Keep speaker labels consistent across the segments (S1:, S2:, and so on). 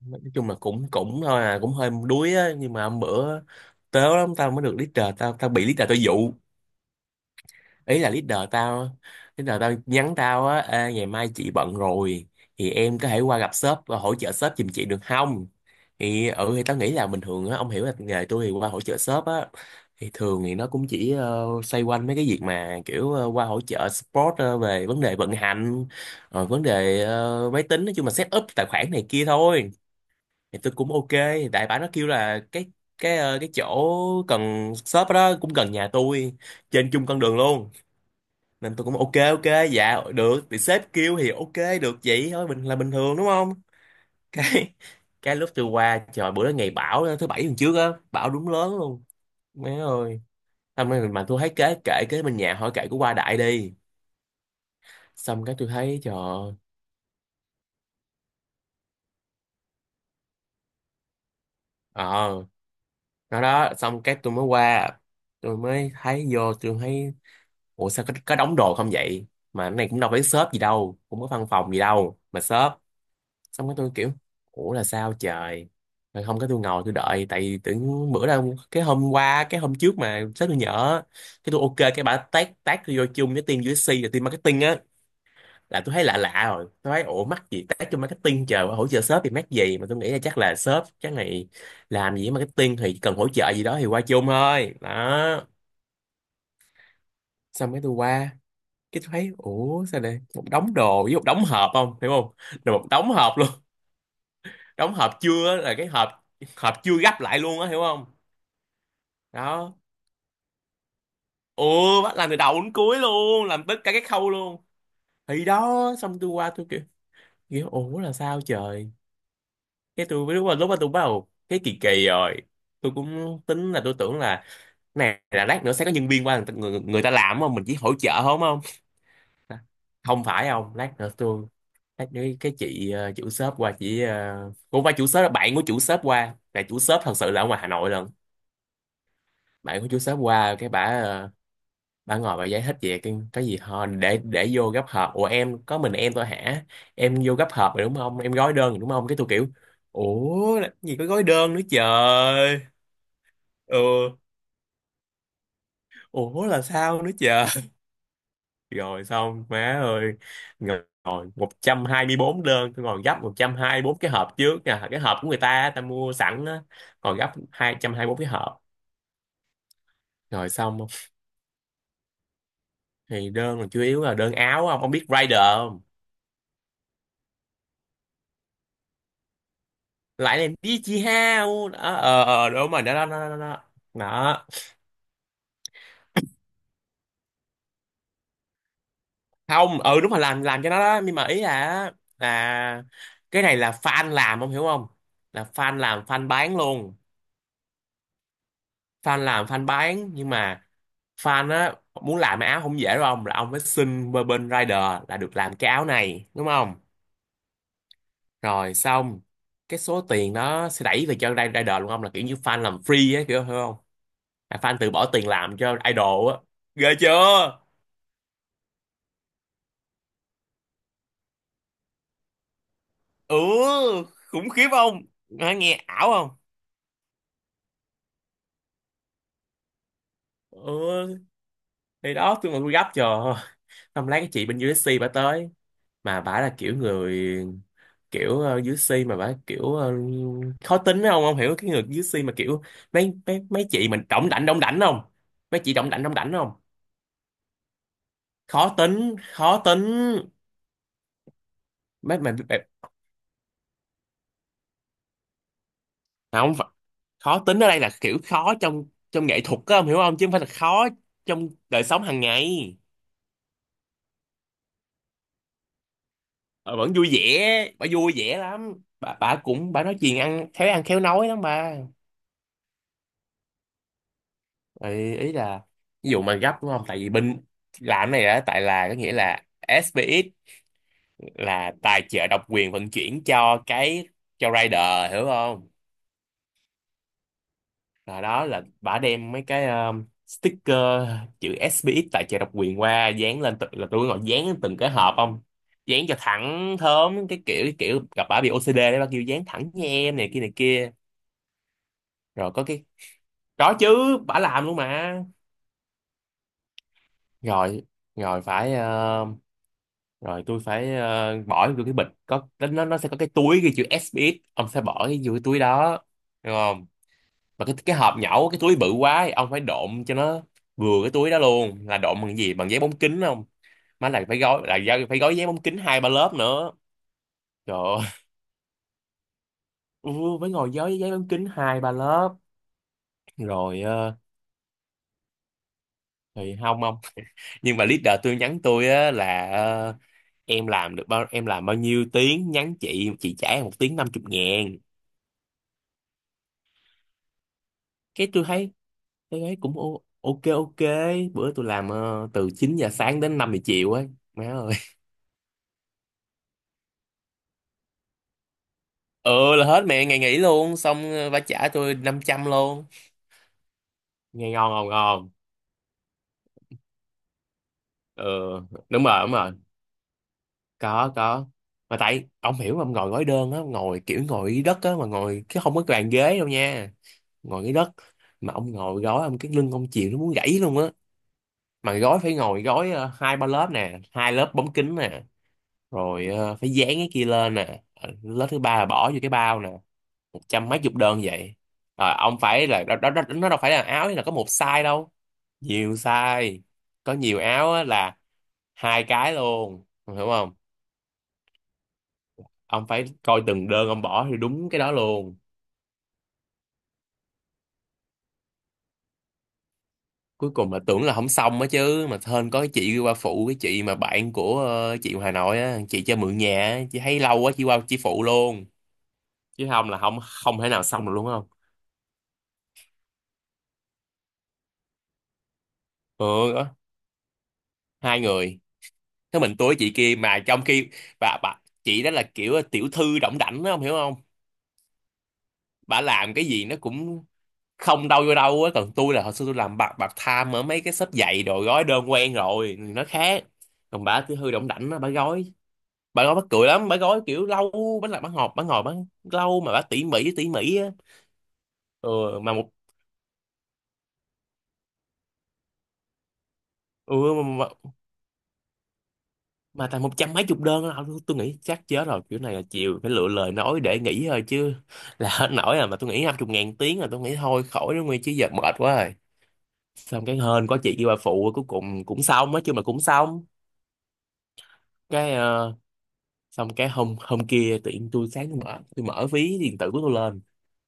S1: Nói chung là cũng cũng thôi à, cũng hơi đuối á. Nhưng mà hôm bữa tớ lắm, tao mới được leader tao, bị leader tao dụ. Ý là leader tao nhắn tao á: Ê, ngày mai chị bận rồi thì em có thể qua gặp sếp và hỗ trợ sếp giùm chị được không? Thì ừ thì tao nghĩ là bình thường á, ông hiểu là nghề tôi thì qua hỗ trợ sếp á, thì thường thì nó cũng chỉ xoay quanh mấy cái việc mà kiểu qua hỗ trợ support về vấn đề vận hành, rồi vấn đề máy tính, nói chung là set up tài khoản này kia thôi. Thì tôi cũng ok. Đại bả nó kêu là cái chỗ cần shop đó cũng gần nhà tôi, trên chung con đường luôn, nên tôi cũng ok ok. Dạ được, thì sếp kêu thì ok được, vậy thôi, bình thường đúng không? cái cái lúc tôi qua, trời, bữa đó ngày bão đó, thứ bảy tuần trước á, bão đúng lớn luôn, má ơi. Xong rồi mà tôi thấy kế bên nhà hỏi kệ của qua đại đi. Xong cái tôi thấy trời ơi. ờ nó đó. Xong cái tôi mới qua, tôi mới thấy vô, tôi thấy ủa sao có đóng đồ không vậy, mà cái này cũng đâu phải shop gì đâu, cũng có văn phòng gì đâu mà shop. Xong cái tôi kiểu ủa là sao trời. Rồi không có, tôi ngồi tôi đợi tại vì tưởng bữa đâu cái hôm qua cái hôm trước mà sếp tôi nhỡ. Cái tôi ok, cái bà tag tag tôi vô chung với team USC và team marketing á. Là tôi thấy lạ lạ rồi, tôi thấy ủa mắc gì tag cho marketing chờ hỗ trợ shop thì mắc gì, mà tôi nghĩ là chắc là shop, chắc này làm gì với marketing thì cần hỗ trợ gì đó thì qua chung thôi đó. Xong cái tôi qua, cái tôi thấy ủa sao đây một đống đồ với một đống hộp, không hiểu không? Rồi một đống hộp luôn. Đống hộp chưa á, là cái hộp hộp chưa gấp lại luôn á, hiểu không? Đó. Ừ, bắt làm từ đầu đến cuối luôn, làm tất cả các khâu luôn. Thì đó xong tôi qua tôi kiểu kiểu ủa là sao trời. Cái lúc mà tôi bắt đầu cái kỳ kỳ rồi, tôi cũng tính là tôi tưởng là này là lát nữa sẽ có nhân viên qua, người ta làm, không mình chỉ hỗ trợ, không không. Không phải không, lát nữa cái chị chủ shop qua, chị cũng phải chủ shop, là bạn của chủ shop qua, là chủ shop thật sự là ở ngoài Hà Nội lần. Bạn của chủ shop qua, cái bả bả ngồi bả giải thích về cái gì họ để vô gấp hộp. Ủa em có mình em thôi hả? Em vô gấp hộp rồi đúng không? Em gói đơn rồi đúng không? Cái tôi kiểu ủa làm gì có gói đơn nữa trời. Ừ, ủa là sao nữa trời. Rồi xong má ơi, ngồi ngồi 124 đơn, tôi còn gấp 124 cái hộp trước nè, cái hộp của người ta, ta mua sẵn á, còn gấp 224 cái hộp. Rồi xong. Thì đơn còn chủ yếu là đơn áo không, ông biết Rider không? Lại làm đi chị hao đó. Ờ, Đúng rồi, đó đó đó đó đó. Đó. Không, ừ đúng rồi, làm cho nó đó. Nhưng mà ý là là cái này là fan làm, ông hiểu không? Là fan làm fan bán luôn, fan làm fan bán. Nhưng mà fan á, muốn làm cái áo không dễ đâu ông, là ông phải xin bên bên rider là được làm cái áo này đúng không. Rồi xong, cái số tiền đó sẽ đẩy về cho rider luôn. Ông là kiểu như fan làm free á kiểu, hiểu không? Là fan tự bỏ tiền làm cho idol á. Ghê chưa? Ừ, khủng khiếp không? Nghe ảo không? Ừ thì đó, tôi mà tôi gấp chờ không lấy, cái chị bên USC bà tới, mà bả là kiểu người, kiểu dưới si, mà bả kiểu khó tính không, không hiểu, cái người dưới si mà kiểu mấy mấy mấy chị mình đỏng đảnh không, mấy chị đỏng đảnh không, khó tính khó tính. Mấy mình không phải- Khó tính ở đây là kiểu khó trong trong nghệ thuật á, ông hiểu không, chứ không phải là khó trong đời sống hàng ngày. Ờ, vẫn vui vẻ, bà vui vẻ lắm, bà cũng, bà nói chuyện ăn khéo nói lắm bà. Ý là ví dụ mà gấp đúng không, tại vì bên làm cái này đó, tại là có nghĩa là SPX là tài trợ độc quyền vận chuyển cho cái, cho rider, hiểu không? Là đó, là bả đem mấy cái sticker chữ SPX tài trợ độc quyền qua dán lên từng, là tôi gọi dán lên từng cái hộp không, dán cho thẳng thớm, cái kiểu gặp bả bị OCD đấy, bả kêu dán thẳng nha em, này kia này kia. Rồi có cái, có chứ, bả làm luôn mà. Rồi rồi rồi tôi phải bỏ vô cái bịch, có nó sẽ có cái túi ghi chữ SBS, ông sẽ bỏ cái vô cái túi đó được không? Mà cái hộp nhẩu cái túi bự quá ấy, ông phải độn cho nó vừa cái túi đó luôn, là độn bằng cái gì, bằng giấy bóng kính không. Má là phải gói phải gói giấy bóng kính hai ba lớp nữa. Trời ơi, ừ, phải ngồi gói giấy bóng kính hai ba lớp. Rồi thì không, không. Nhưng mà leader tôi nhắn tôi á là em làm được bao em làm bao nhiêu tiếng nhắn chị trả em một tiếng 50.000. Cái tôi thấy cái ấy cũng ok ok. Bữa tôi làm từ 9 giờ sáng đến 5 giờ chiều ấy, má ơi. Ừ là hết mẹ ngày nghỉ luôn, xong bà trả tôi 500 luôn, nghe ngon ngon ngon. Ừ đúng rồi đúng rồi, có có. Mà tại ông hiểu mà, ông ngồi gói đơn á, ngồi kiểu ngồi dưới đất á, mà ngồi cái không có bàn ghế đâu nha, ngồi dưới đất, mà ông ngồi gói, ông cái lưng ông chịu nó muốn gãy luôn á. Mà gói phải ngồi gói hai ba lớp nè, hai lớp bóng kính nè, rồi phải dán cái kia lên nè, lớp thứ ba là bỏ vô cái bao nè, một trăm mấy chục đơn vậy. Rồi ông phải là đó, đó, đó, nó đâu phải là áo là có một size đâu, nhiều size, có nhiều áo á, là hai cái luôn, ông hiểu không? Ông phải coi từng đơn ông bỏ thì đúng cái đó luôn. Cuối cùng là tưởng là không xong á chứ, mà hên có cái chị qua phụ, cái chị mà bạn của chị Hà Nội á, chị cho mượn nhà á, chị thấy lâu quá chị qua chị phụ luôn, chứ không là không, không thể nào xong được luôn không. Ừ đó, hai người, thế mình tôi chị kia, mà trong khi bà chị đó là kiểu tiểu thư đỏng đảnh đó, ông hiểu không? Bà làm cái gì nó cũng không đâu vô đâu á, còn tôi là hồi xưa tôi làm part part time ở mấy cái shop giày đồ, gói đơn quen rồi nó khác. Còn bà tiểu thư đỏng đảnh đó, bà gói mắc cười lắm, bà gói kiểu lâu, bà làm bà ngọt, bà ngồi bánh lâu mà bà tỉ mỉ á. Ừ, mà một ừ, mà tầm một trăm mấy chục đơn đó, tôi nghĩ chắc chết rồi, kiểu này là chịu, phải lựa lời nói để nghỉ thôi chứ, là hết nổi rồi, mà tôi nghĩ 50.000 tiếng là tôi nghĩ thôi khỏi đó nguyên chứ giờ mệt quá rồi. Xong cái hên có chị kia bà phụ, cuối cùng cũng xong, nói chứ mà cũng xong. Cái xong cái hôm hôm kia tự nhiên tôi sáng, tôi mở ví điện tử của tôi lên,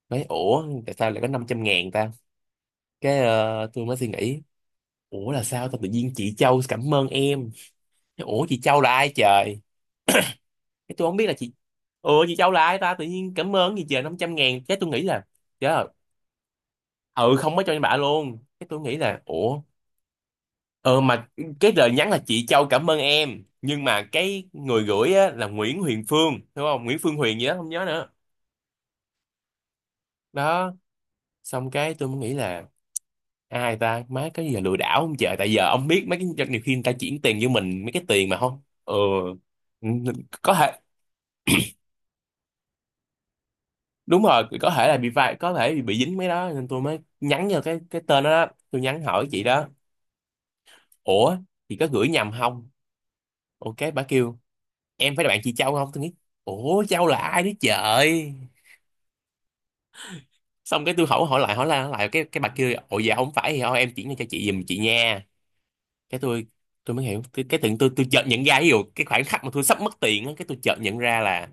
S1: nói ủa tại sao lại có 500.000 ta? Cái tôi mới suy nghĩ ủa là sao ta, tự nhiên chị Châu cảm ơn em, ủa chị Châu là ai trời? Cái tôi không biết là Chị, chị Châu là ai ta, tự nhiên cảm ơn gì trời, 500 ngàn. Cái tôi nghĩ là trời ơi, ừ không có cho em bả luôn. Cái tôi nghĩ là ủa, ờ mà cái lời nhắn là chị Châu cảm ơn em, nhưng mà cái người gửi á, là Nguyễn Huyền Phương, đúng không, Nguyễn Phương Huyền gì đó không nhớ nữa. Đó, xong cái tôi mới nghĩ là ai ta, má, cái gì, là lừa đảo không trời, tại giờ ông biết mấy cái nhiều khi người ta chuyển tiền với mình mấy cái tiền mà không. Ừ, ừ, có thể. Đúng rồi, có thể là bị vai, có thể bị dính mấy đó, nên tôi mới nhắn vô cái tên đó, đó. Tôi nhắn hỏi chị đó, ủa chị có gửi nhầm không. Ok, bà kêu em phải là bạn chị Châu không, tôi nghĩ ủa Châu là ai đấy trời. Xong cái tôi hỏi, hỏi lại cái bà kêu ồ dạ không phải thì thôi em chuyển cho chị giùm chị nha. Cái Tôi mới hiểu cái, tự nhiên tôi chợt nhận ra, ví dụ cái khoảnh khắc mà tôi sắp mất tiền á, cái tôi chợt nhận ra là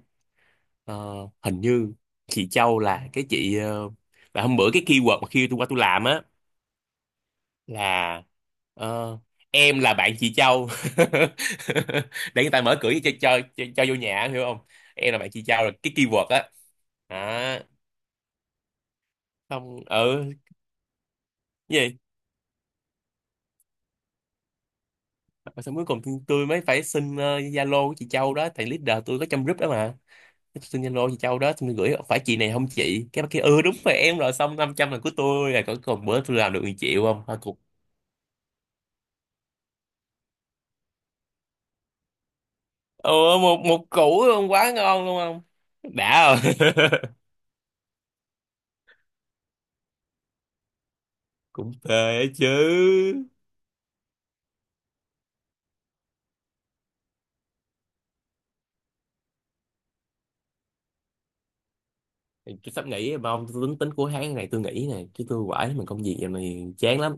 S1: ờ, hình như chị Châu là cái chị là hôm bữa cái keyword mà khi tôi qua tôi làm á, là ờ, em là bạn chị Châu để người ta mở cửa cho cho vô nhà, hiểu không. Em là bạn chị Châu là cái keyword á. Đó. Không, ừ. Cái gì mà xong cuối cùng tôi mới phải xin Zalo của chị Châu đó, thầy leader tôi có trong group đó mà. Tôi xin Zalo chị Châu đó, xong tôi gửi, phải chị này không chị, cái bà kia ừ đúng rồi em, rồi xong 500 là của tôi rồi. Còn cùng bữa tôi làm được 1 triệu không. Thôi cục. Ừ, một một củ luôn, quá ngon luôn không. Đã không. Cũng phê chứ. Thì tôi sắp nghỉ mà ông, tôi tính tính cuối tháng này tôi nghỉ này, chứ tôi quải mình công việc giờ này chán lắm.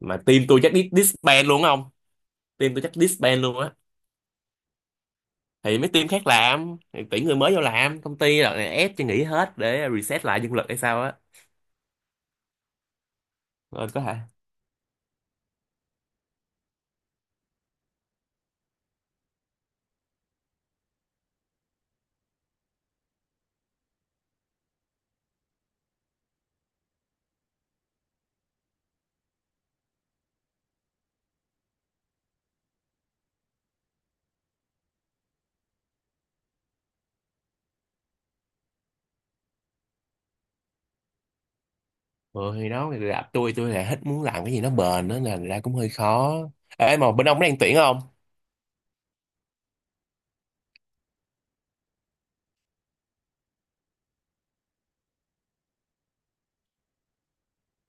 S1: Mà team tôi chắc disband luôn không. Team tôi chắc disband luôn á. Thì mấy team khác làm thì tuyển người mới vô làm, công ty là ép cho nghỉ hết để reset lại nhân lực hay sao á. Rồi có hả. Ừ, thì đó, người gặp tôi là hết muốn, làm cái gì nó bền đó là ra cũng hơi khó. Ê mà bên ông có đang tuyển không.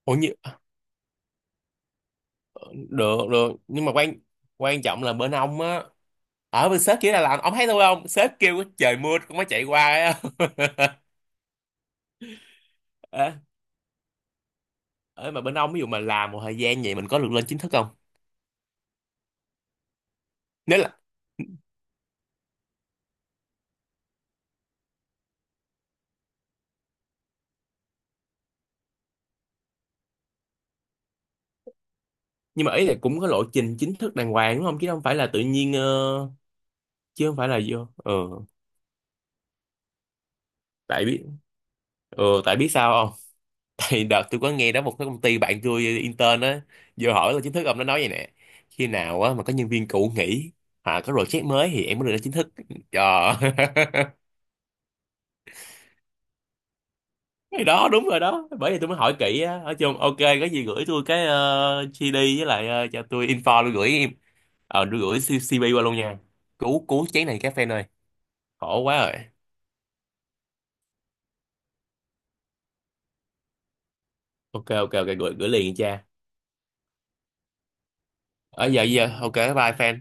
S1: Ủa như ờ, được được, nhưng mà quan, quan trọng là bên ông á. Ở bên sếp kia là làm ông thấy tôi không, sếp kêu trời mưa cũng mới chạy qua á. Ở mà bên ông ví dụ mà làm một thời gian vậy mình có được lên chính thức không. Nếu là, nhưng mà ý là cũng có lộ trình chính thức đàng hoàng đúng không, chứ không phải là tự nhiên chứ không phải là vô. Ừ tại biết, ừ tại biết sao không. Tại đợt tôi có nghe đó, một cái công ty bạn tôi intern á, vô hỏi là chính thức, ông nó nói vậy nè, khi nào á mà có nhân viên cũ nghỉ hoặc có project mới thì em mới được lên chính thức. Trời. Cái đó đúng rồi đó, bởi vì tôi mới hỏi kỹ á. Ở chung ok, có gì gửi tôi cái GD, với lại cho tôi info tôi gửi. Ờ đưa gửi CP qua luôn nha. Cứu cứu chén này các fan ơi, khổ quá rồi. Ok ok ok, gửi gửi liền nha cha. Ở giờ giờ ok, bye fan.